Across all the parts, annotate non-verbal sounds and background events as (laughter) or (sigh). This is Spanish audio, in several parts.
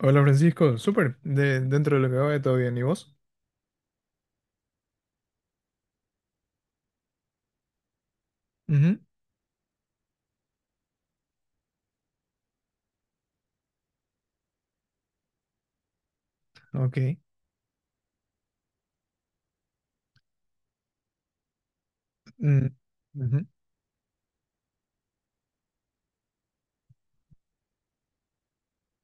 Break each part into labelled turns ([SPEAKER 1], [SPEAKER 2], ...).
[SPEAKER 1] Hola Francisco, súper, dentro de lo que cabe todo bien, ¿y vos? Ujú. Ok. Mm. Ujú.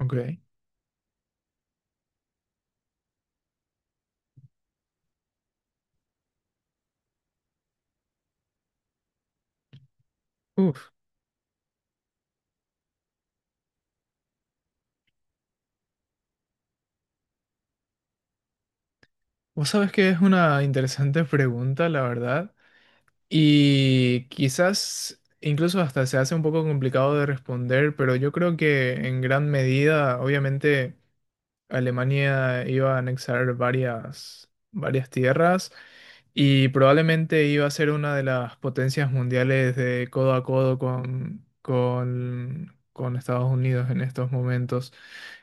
[SPEAKER 1] Ok. Uf, vos sabés que es una interesante pregunta, la verdad, y quizás incluso hasta se hace un poco complicado de responder, pero yo creo que en gran medida, obviamente, Alemania iba a anexar varias tierras y probablemente iba a ser una de las potencias mundiales de codo a codo con Estados Unidos en estos momentos.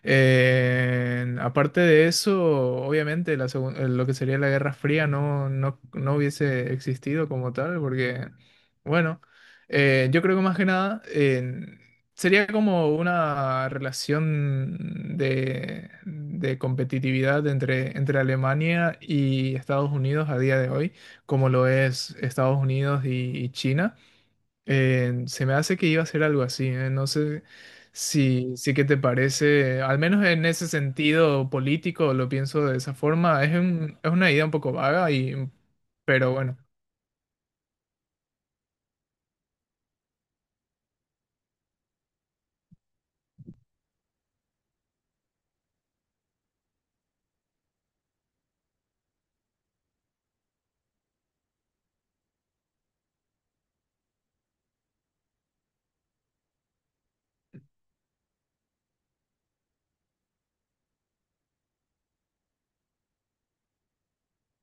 [SPEAKER 1] Aparte de eso, obviamente lo que sería la Guerra Fría no hubiese existido como tal, porque, bueno, yo creo que más que nada sería como una relación de competitividad entre Alemania y Estados Unidos a día de hoy, como lo es Estados Unidos y China. Se me hace que iba a ser algo así, no sé si qué te parece, al menos en ese sentido político lo pienso de esa forma. Es una idea un poco vaga y, pero bueno.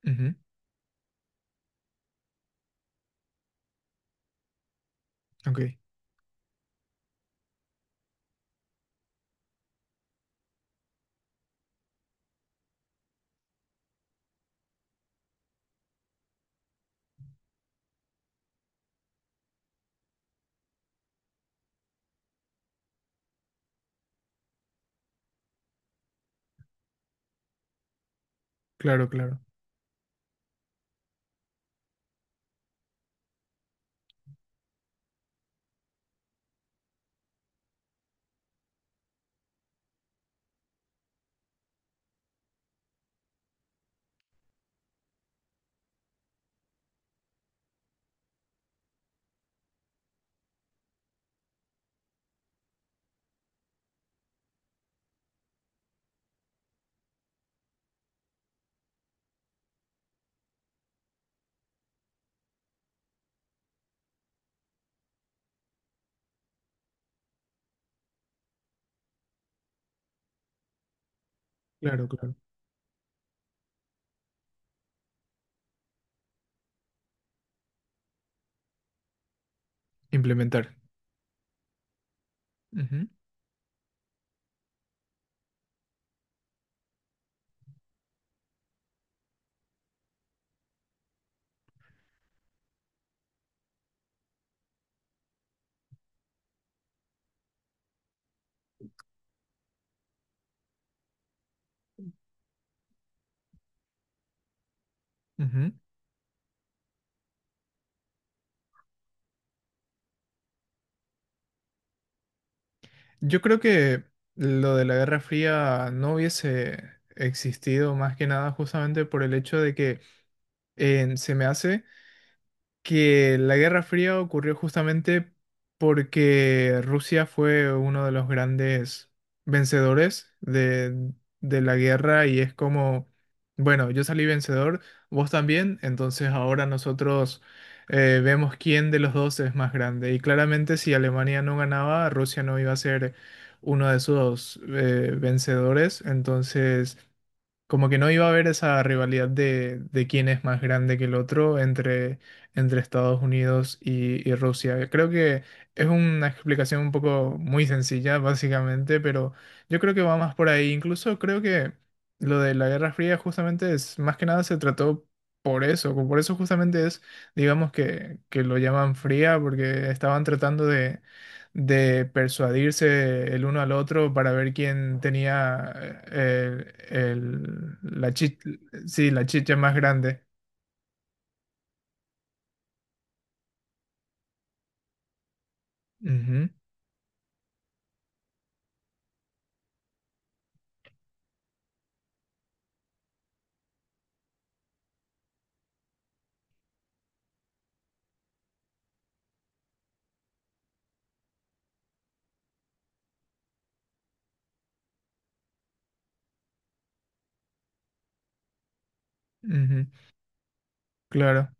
[SPEAKER 1] Ujú. Ok. Claro, claro. Claro, claro. Implementar. Ujú, ujú. Yo creo que lo de la Guerra Fría no hubiese existido más que nada justamente por el hecho de que se me hace que la Guerra Fría ocurrió justamente porque Rusia fue uno de los grandes vencedores de la guerra y es como, bueno, yo salí vencedor, vos también, entonces ahora nosotros vemos quién de los dos es más grande. Y claramente si Alemania no ganaba, Rusia no iba a ser uno de sus vencedores, entonces... Como que no iba a haber esa rivalidad de quién es más grande que el otro entre Estados Unidos y, Rusia. Creo que es una explicación un poco muy sencilla, básicamente, pero yo creo que va más por ahí. Incluso creo que lo de la Guerra Fría justamente es, más que nada se trató por eso. Por eso justamente es, digamos que lo llaman fría, porque estaban tratando de persuadirse el uno al otro para ver quién tenía eh, el- la chi- sí, la chicha más grande. Ujú, ujú, claro,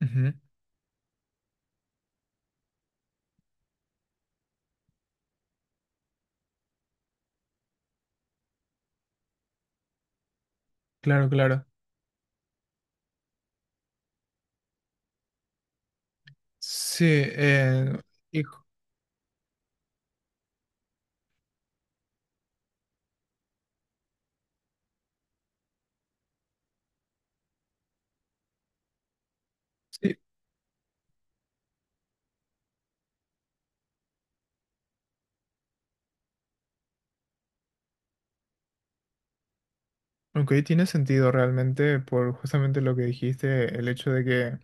[SPEAKER 1] ujú, claro, claro. Sí, y ju- sí, ok, tiene sentido realmente por justamente lo que dijiste, el hecho de que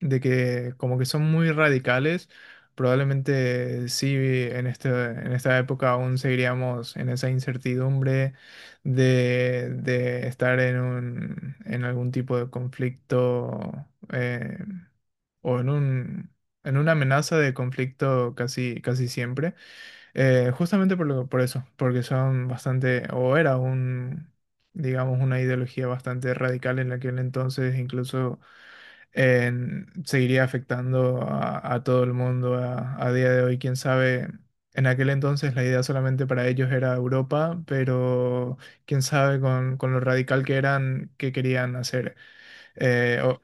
[SPEAKER 1] como que son muy radicales. Probablemente sí, en esta época aún seguiríamos en esa incertidumbre de estar en un, en algún tipo de conflicto eh, o en un, en una amenaza de conflicto casi, casi siempre. Justamente por eso, porque son bastante, o era un, digamos, una ideología bastante radical en aquel entonces, incluso seguiría afectando a todo el mundo a día de hoy. Quién sabe, en aquel entonces la idea solamente para ellos era Europa, pero quién sabe con lo radical que eran, qué querían hacer. Eh, o-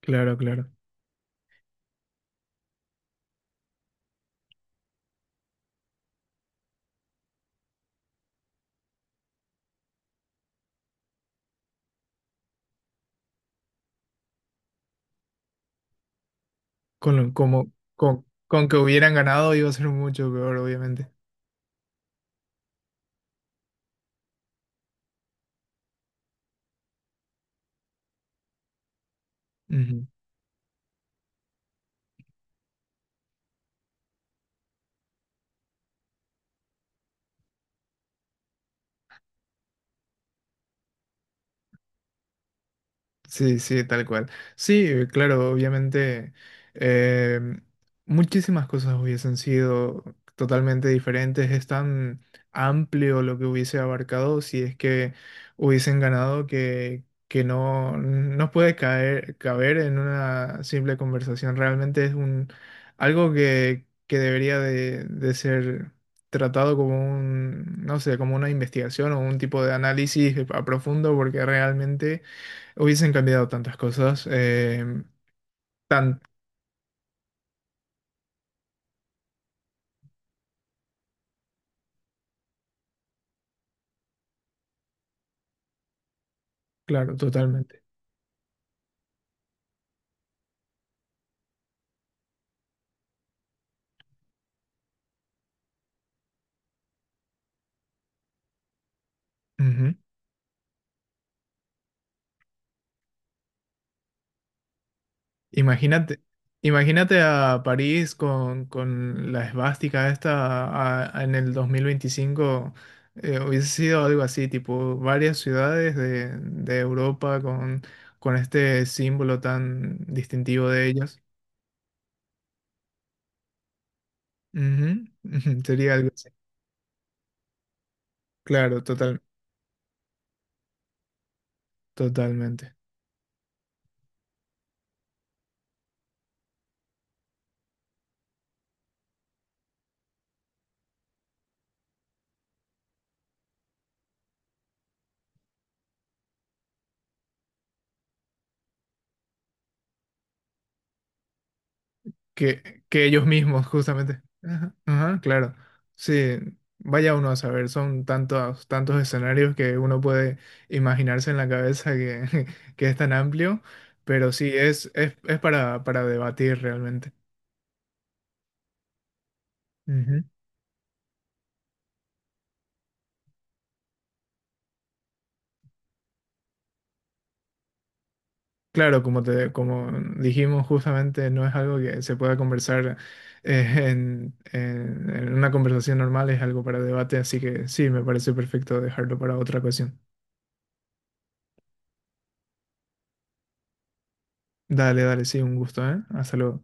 [SPEAKER 1] claro, claro. Con, lo- como, con que hubieran ganado iba a ser mucho peor, obviamente. Sí, sí, tal cual. Sí, claro, obviamente, em, muchísimas cosas hubiesen sido totalmente diferentes. Es tan amplio lo que hubiese abarcado si es que hubiesen ganado que, no puede caber en una simple conversación. Realmente es un, algo que debería de ser tratado como un, no sé, como una investigación o un tipo de análisis a profundo porque realmente hubiesen cambiado tantas cosas. Tan, claro, totalmente. Ujú. Imagínate, imagínate a París con la esvástica esta en el 2025. Hubiese sido algo así, tipo varias ciudades de Europa con este símbolo tan distintivo de ellos. Ujú, (laughs) ujú. Sería algo así. Claro, total, totalmente. Que ellos mismos, justamente. Ajá, ajá, claro. Sí, vaya uno a saber, son tantos, tantos escenarios que uno puede imaginarse en la cabeza que, (laughs) que es tan amplio, pero sí, es para, debatir realmente. Ujú. Claro, como te, como dijimos, justamente no es algo que se pueda conversar en una conversación normal, es algo para debate, así que sí, me parece perfecto dejarlo para otra ocasión. Dale, dale, sí, un gusto, ¿eh? Hasta luego.